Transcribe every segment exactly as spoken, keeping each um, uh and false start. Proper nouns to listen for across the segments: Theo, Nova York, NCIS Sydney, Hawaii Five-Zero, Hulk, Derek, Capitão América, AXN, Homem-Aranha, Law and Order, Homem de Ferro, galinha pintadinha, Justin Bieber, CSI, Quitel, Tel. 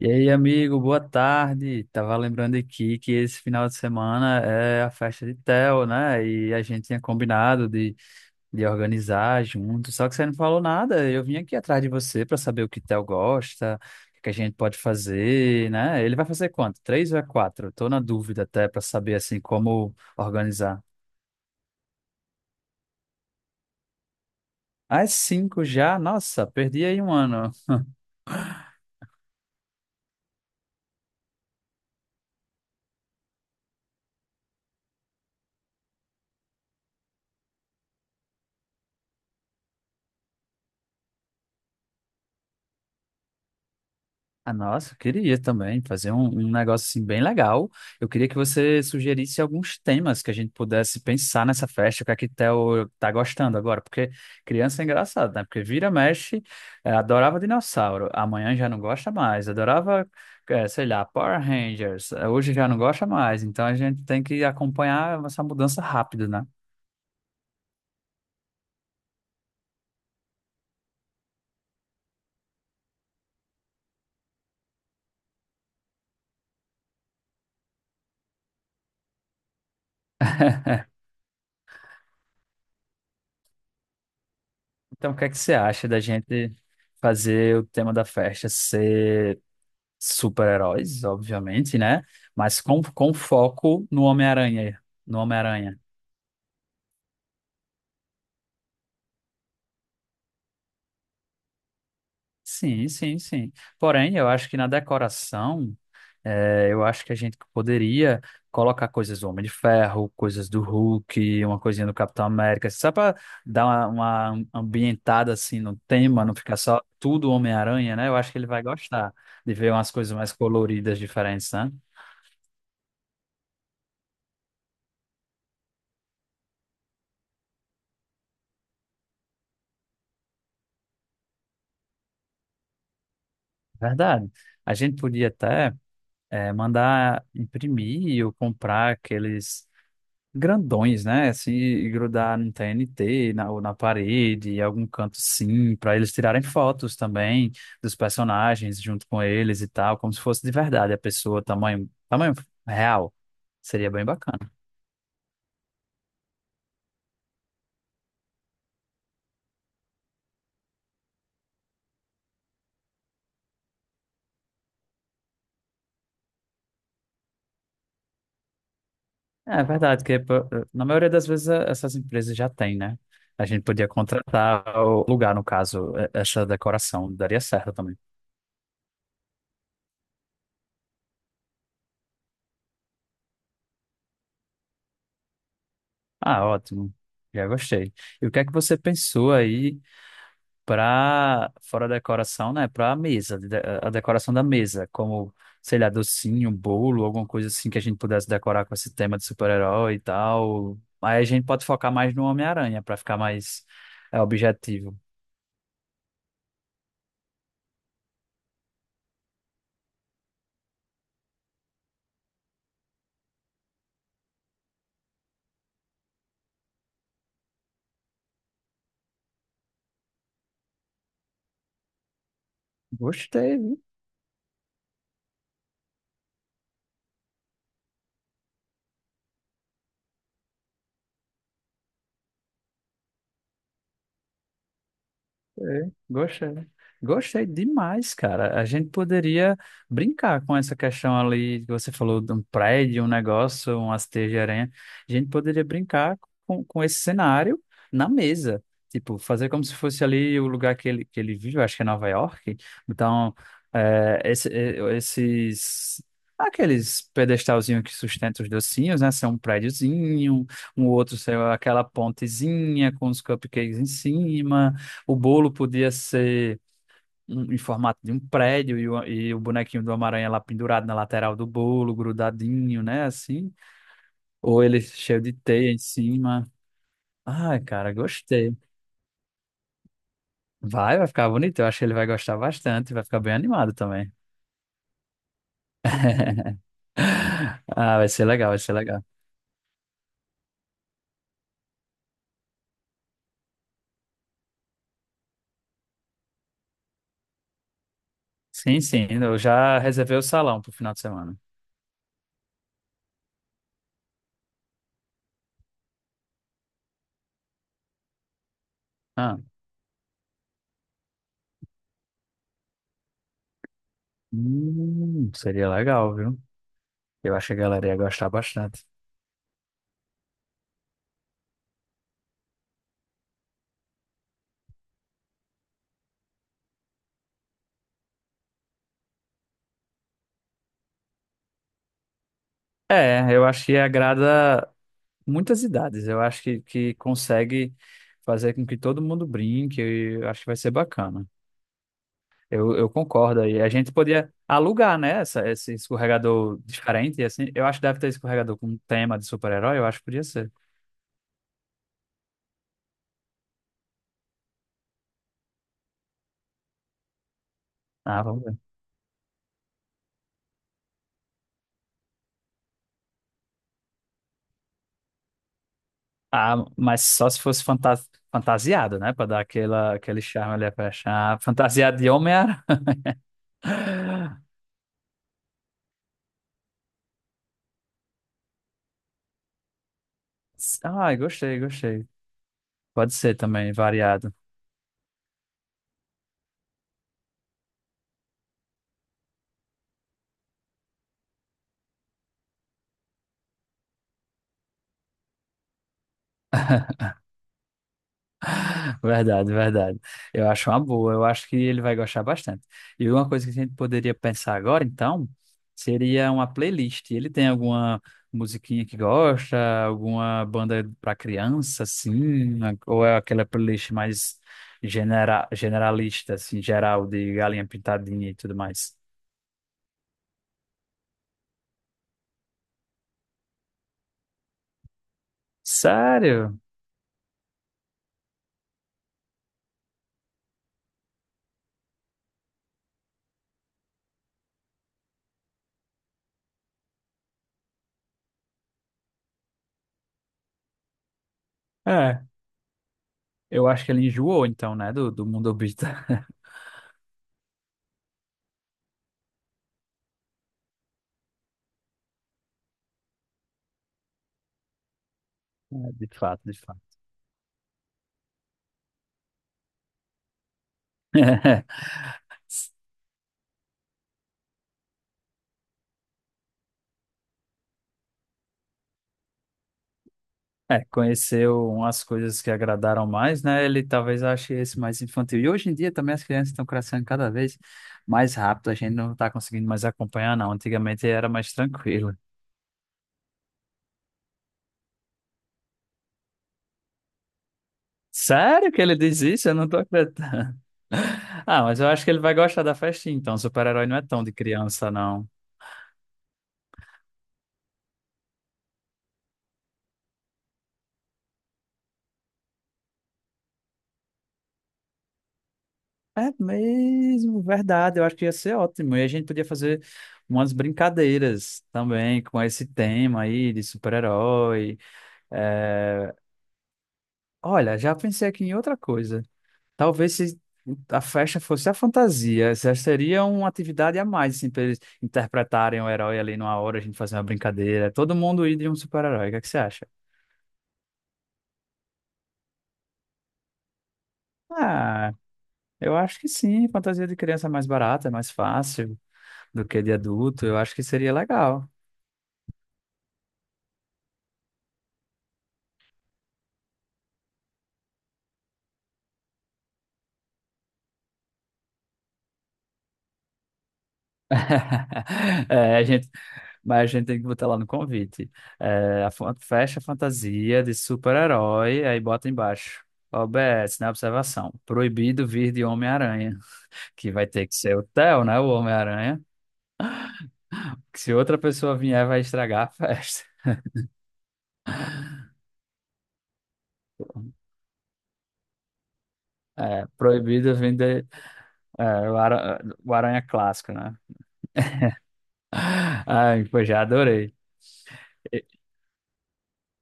E aí, amigo, boa tarde. Tava lembrando aqui que esse final de semana é a festa de Tel, né? E a gente tinha combinado de, de organizar junto, só que você não falou nada. Eu vim aqui atrás de você para saber o que Tel gosta, o que que a gente pode fazer, né? Ele vai fazer quanto? Três ou é quatro? Tô na dúvida até para saber assim como organizar. Ah, é cinco já? Nossa, perdi aí um ano. Ah, nossa, eu queria também fazer um, um negócio assim bem legal. Eu queria que você sugerisse alguns temas que a gente pudesse pensar nessa festa, o que a Quitel tá gostando agora, porque criança é engraçado, né? Porque vira, mexe, é, adorava dinossauro, amanhã já não gosta mais, adorava, é, sei lá, Power Rangers, é, hoje já não gosta mais, então a gente tem que acompanhar essa mudança rápido, né? Então, o que é que você acha da gente fazer o tema da festa ser super-heróis, obviamente, né? Mas com, com foco no Homem-Aranha. No Homem-Aranha. Sim, sim, sim. Porém, eu acho que na decoração, eh, eu acho que a gente poderia colocar coisas do Homem de Ferro, coisas do Hulk, uma coisinha do Capitão América, assim, só para dar uma, uma ambientada assim no tema, não ficar só tudo Homem-Aranha, né? Eu acho que ele vai gostar de ver umas coisas mais coloridas, diferentes, né? Verdade. A gente podia até, é, mandar imprimir ou comprar aqueles grandões, né? Assim, e grudar no T N T, na, ou na parede, em algum canto sim, para eles tirarem fotos também dos personagens junto com eles e tal, como se fosse de verdade a pessoa, tamanho, tamanho real. Seria bem bacana. É é verdade, que pô, eh, na maioria das vezes eh, essas empresas já têm, né? A gente podia contratar o lugar, no caso, eh, essa decoração, daria certo também. Ah, ótimo. Já gostei. E o que é que você pensou aí para fora da decoração, né? Para a mesa, de- a decoração da mesa, como, sei lá, docinho, um bolo, alguma coisa assim que a gente pudesse decorar com esse tema de super-herói e tal. Aí a gente pode focar mais no Homem-Aranha para ficar mais é, objetivo. Gostei. É, gostei. Gostei demais, cara. A gente poderia brincar com essa questão ali que você falou de um prédio, um negócio, um hasteio de aranha. A gente poderia brincar com, com esse cenário na mesa. Tipo, fazer como se fosse ali o lugar que ele, que ele vive, eu acho que é Nova York. Então, é, esse- é, esses, aqueles pedestalzinhos que sustentam os docinhos, né? São um prédiozinho, um outro, sei lá, aquela pontezinha com os cupcakes em cima. O bolo podia ser um- em formato de um prédio e o, e o bonequinho do Homem-Aranha lá pendurado na lateral do bolo, grudadinho, né? Assim. Ou ele cheio de teia em cima. Ai, cara, gostei. Vai, vai ficar bonito. Eu acho que ele vai gostar bastante. Vai ficar bem animado também. Ah, vai ser legal, vai ser legal. Sim, sim. Eu já reservei o salão pro final de semana. Ah, hum, seria legal, viu? Eu acho que a galera ia gostar bastante. É, eu acho que agrada muitas idades. Eu acho que, que consegue fazer com que todo mundo brinque. Eu acho que vai ser bacana. Eu, eu concordo aí. A gente podia alugar, né, essa, esse escorregador diferente, assim. Eu acho que deve ter escorregador com tema de super-herói. Eu acho que podia ser. Ah, vamos ver. Ah, mas só se fosse fanta- fantasiado, né, para dar aquela, aquele charme ali para achar. Fantasiado de Homem-Aranha. Ai, gostei, gostei. Pode ser também, variado. Verdade, verdade. Eu acho uma boa, eu acho que ele vai gostar bastante. E uma coisa que a gente poderia pensar agora, então, seria uma playlist. Ele tem alguma musiquinha que gosta, alguma banda para criança, assim, ou é aquela playlist mais genera generalista, assim, geral, de galinha pintadinha e tudo mais? Sério? É, eu acho que ele enjoou, então, né, do, do mundo obita. De fato, de fato. É, conheceu umas coisas que agradaram mais, né? Ele talvez ache esse mais infantil. E hoje em dia também as crianças estão crescendo cada vez mais rápido, a gente não está conseguindo mais acompanhar, não. Antigamente era mais tranquilo. Sério que ele diz isso? Eu não tô acreditando. Ah, mas eu acho que ele vai gostar da festinha, então. Super-herói não é tão de criança, não. É mesmo, verdade. Eu acho que ia ser ótimo. E a gente podia fazer umas brincadeiras também com esse tema aí de super-herói. Olha, já pensei aqui em outra coisa. Talvez se a festa fosse a fantasia, já seria uma atividade a mais, assim, para eles interpretarem o herói ali numa hora, a gente fazer uma brincadeira, todo mundo ir de um super-herói. O que é que você acha? Ah, eu acho que sim, fantasia de criança é mais barata, é mais fácil do que de adulto, eu acho que seria legal. É, a gente mas a gente tem que botar lá no convite. É, a fan- fecha fantasia de super-herói, aí bota embaixo. O B S, na observação. Proibido vir de Homem-Aranha. Que vai ter que ser o Theo, né? O Homem-Aranha. Que se outra pessoa vier, vai estragar a festa. É, proibido vir de, é, o, ara- o Aranha clássico, né? Ai, pois já adorei.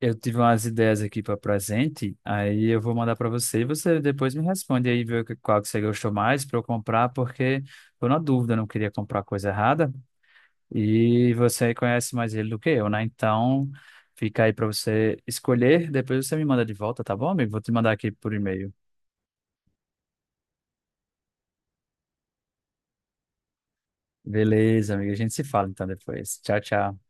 Eu tive umas ideias aqui para presente, aí eu vou mandar para você e você depois me responde aí, ver qual que você gostou mais para eu comprar, porque tô na dúvida, não queria comprar coisa errada e você conhece mais ele do que eu, né? Então fica aí para você escolher, depois você me manda de volta, tá bom, amigo? Vou te mandar aqui por e-mail. Beleza, amigo, a gente se fala então depois. Tchau, tchau.